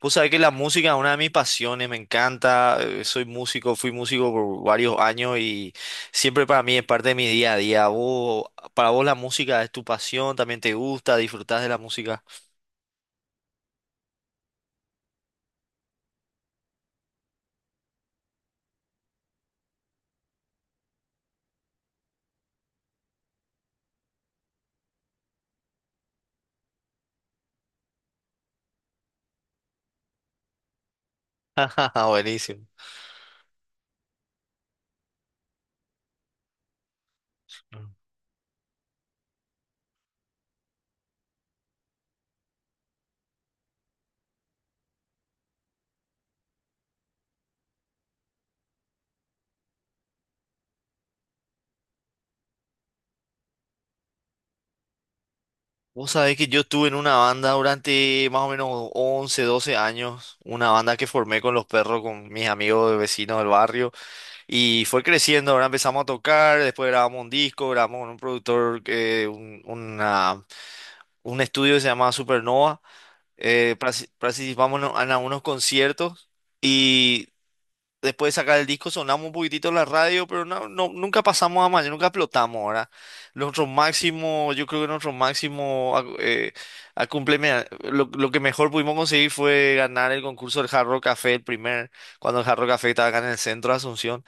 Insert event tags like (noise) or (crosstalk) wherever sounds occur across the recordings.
Vos sabés que la música es una de mis pasiones, me encanta, soy músico, fui músico por varios años y siempre para mí es parte de mi día a día. Vos, para vos la música es tu pasión, también te gusta, disfrutás de la música. (laughs) Buenísimo. Vos sabés que yo estuve en una banda durante más o menos 11, 12 años, una banda que formé con los perros, con mis amigos de vecinos del barrio, y fue creciendo, ahora empezamos a tocar, después grabamos un disco, grabamos con un productor, un- una un estudio que se llamaba Supernova. Participamos en algunos conciertos y después de sacar el disco sonamos un poquitito en la radio, pero no, nunca pasamos a mayor, nunca explotamos, ahora nuestro máximo, yo creo que nuestro máximo, a cumpleme- lo que mejor pudimos conseguir fue ganar el concurso del Hard Rock Café, el primer, cuando el Hard Rock Café estaba acá en el centro de Asunción.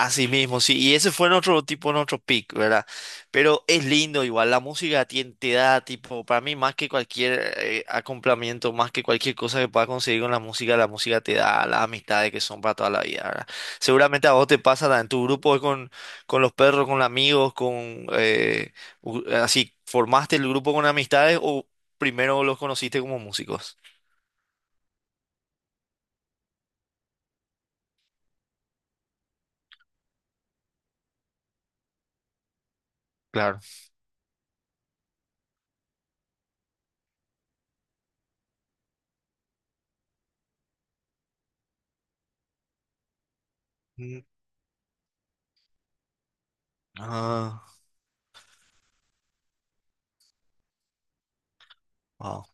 Así mismo, sí, y ese fue nuestro tipo, nuestro pick, ¿verdad? Pero es lindo igual, la música da tipo, para mí más que cualquier acompañamiento, más que cualquier cosa que puedas conseguir con la música te da las amistades que son para toda la vida, ¿verdad? Seguramente a vos te pasa en tu grupo con los perros, con amigos, con, así, ¿formaste el grupo con amistades o primero los conociste como músicos? Claro. Mm, Ah, wow.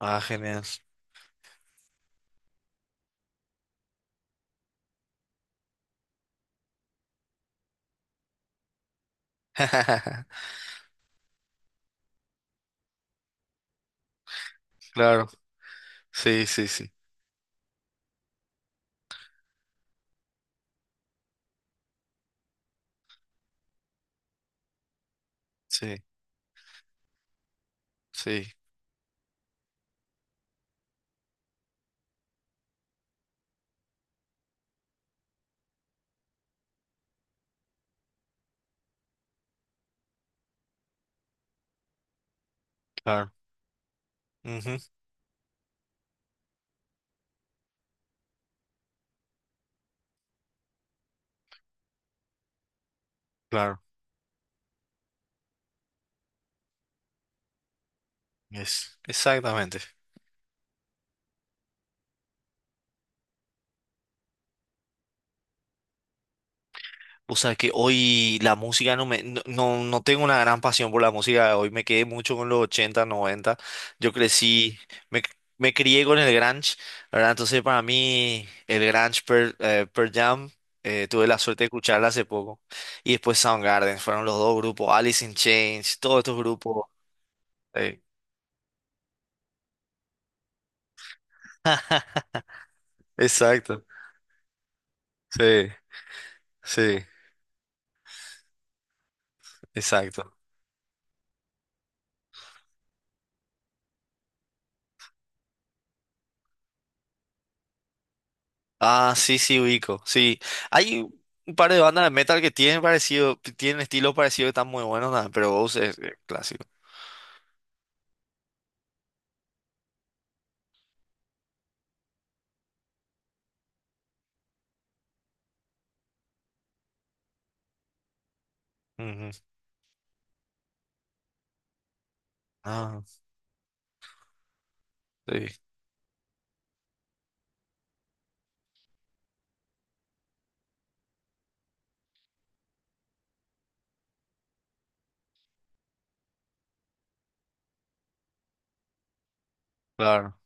Ah, genial. (laughs) Claro, sí, sí, sí. Sí, sí, claro. Ujú, claro, es exactamente. O sea que hoy la música no me, no, no, no tengo una gran pasión por la música. Hoy me quedé mucho con los 80, 90. Yo crecí, me, me crié con el grunge, ¿verdad? Entonces para mí el grunge, Pearl Jam, tuve la suerte de escucharla hace poco. Y después Soundgarden, fueron los dos grupos, Alice in Chains, todos estos grupos. Eh, Exacto, sí, sí, exacto. Ah, sí, sí, ubico. Sí. Hay un par de bandas de metal que tienen parecido, que tienen estilos parecidos que están muy buenos, nada, pero Ghost es clásico. Ujú. Ah, sí, claro.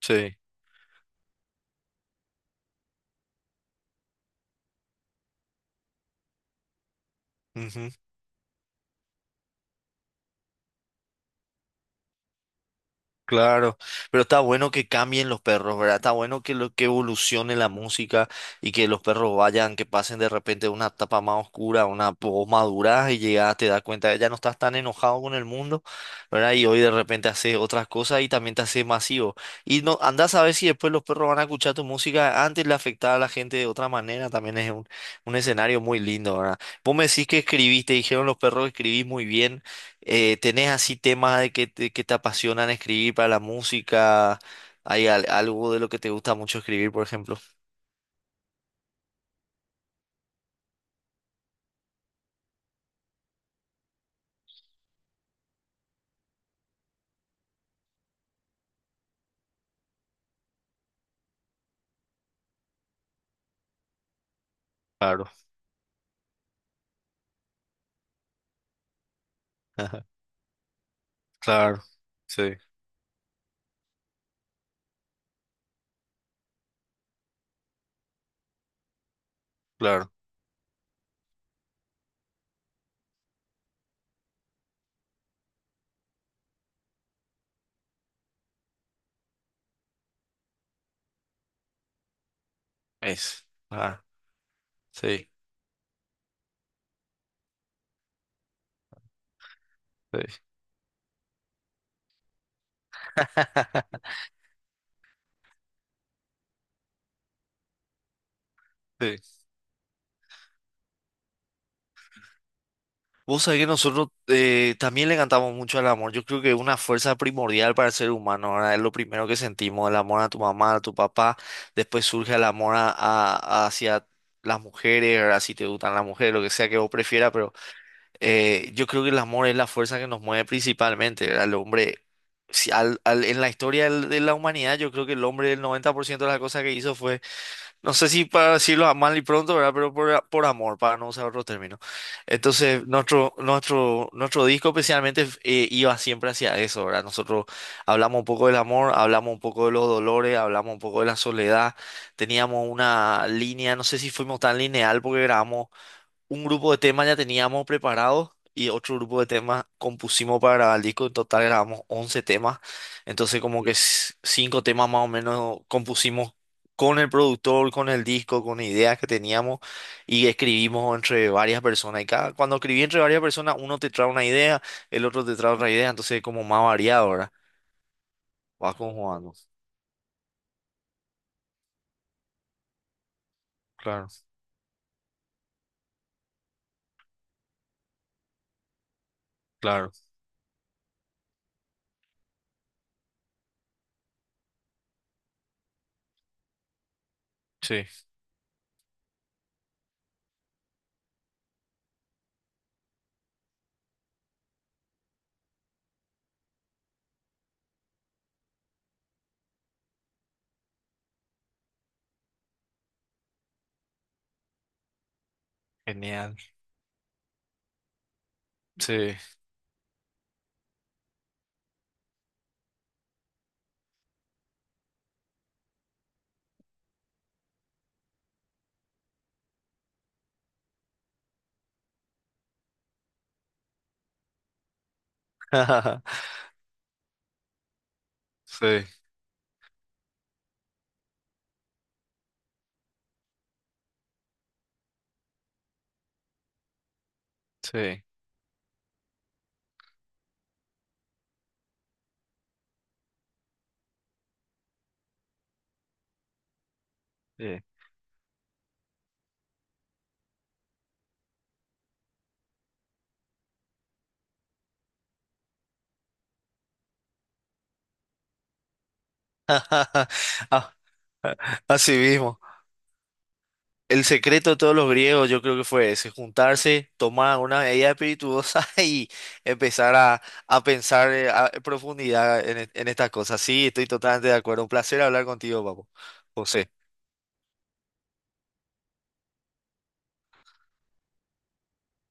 Sí. Claro, pero está bueno que cambien los perros, ¿verdad? Está bueno que que evolucione la música y que los perros vayan, que pasen de repente de una etapa más oscura a una poco madura y llegas, te das cuenta que ya no estás tan enojado con el mundo, ¿verdad? Y hoy de repente haces otras cosas y también te haces masivo. Y no, andás a ver si después los perros van a escuchar tu música, antes le afectaba a la gente de otra manera, también es un escenario muy lindo, ¿verdad? Vos me decís que escribiste, dijeron los perros que escribís muy bien. ¿Tenés así temas de que te apasionan escribir para la música? ¿Hay algo de lo que te gusta mucho escribir, por ejemplo? Claro, (laughs) claro, sí, claro. Es. Ah, sí, sí, (laughs) sí. Vos sabés que nosotros también le cantamos mucho al amor. Yo creo que es una fuerza primordial para el ser humano, ¿verdad? Es lo primero que sentimos, el amor a tu mamá, a tu papá. Después surge el amor hacia las mujeres, ¿verdad? Si te gustan las mujeres, lo que sea que vos prefieras, pero yo creo que el amor es la fuerza que nos mueve principalmente, ¿verdad? El hombre, si en la historia de la humanidad, yo creo que el hombre, el 90% de las cosas que hizo fue, no sé si para decirlo a mal y pronto, ¿verdad? Pero por amor, para no usar otro término. Entonces, nuestro disco especialmente iba siempre hacia eso, ¿verdad? Nosotros hablamos un poco del amor, hablamos un poco de los dolores, hablamos un poco de la soledad, teníamos una línea, no sé si fuimos tan lineal porque grabamos un grupo de temas ya teníamos preparados y otro grupo de temas compusimos para grabar el disco. En total grabamos 11 temas. Entonces como que cinco temas más o menos compusimos con el productor, con el disco, con ideas que teníamos y escribimos entre varias personas. Y cada, cuando escribí entre varias personas, uno te trae una idea, el otro te trae otra idea. Entonces es como más variado, ¿verdad? Vas conjugando. Claro, claro, sí, genial, sí, (laughs) sí, sí, sí. (laughs) Ah, así mismo. El secreto de todos los griegos, yo creo que fue ese, juntarse, tomar una medida espirituosa (laughs) y empezar a pensar en profundidad en, en estas cosas. Sí, estoy totalmente de acuerdo. Un placer hablar contigo, papo. José,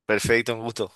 perfecto, un gusto.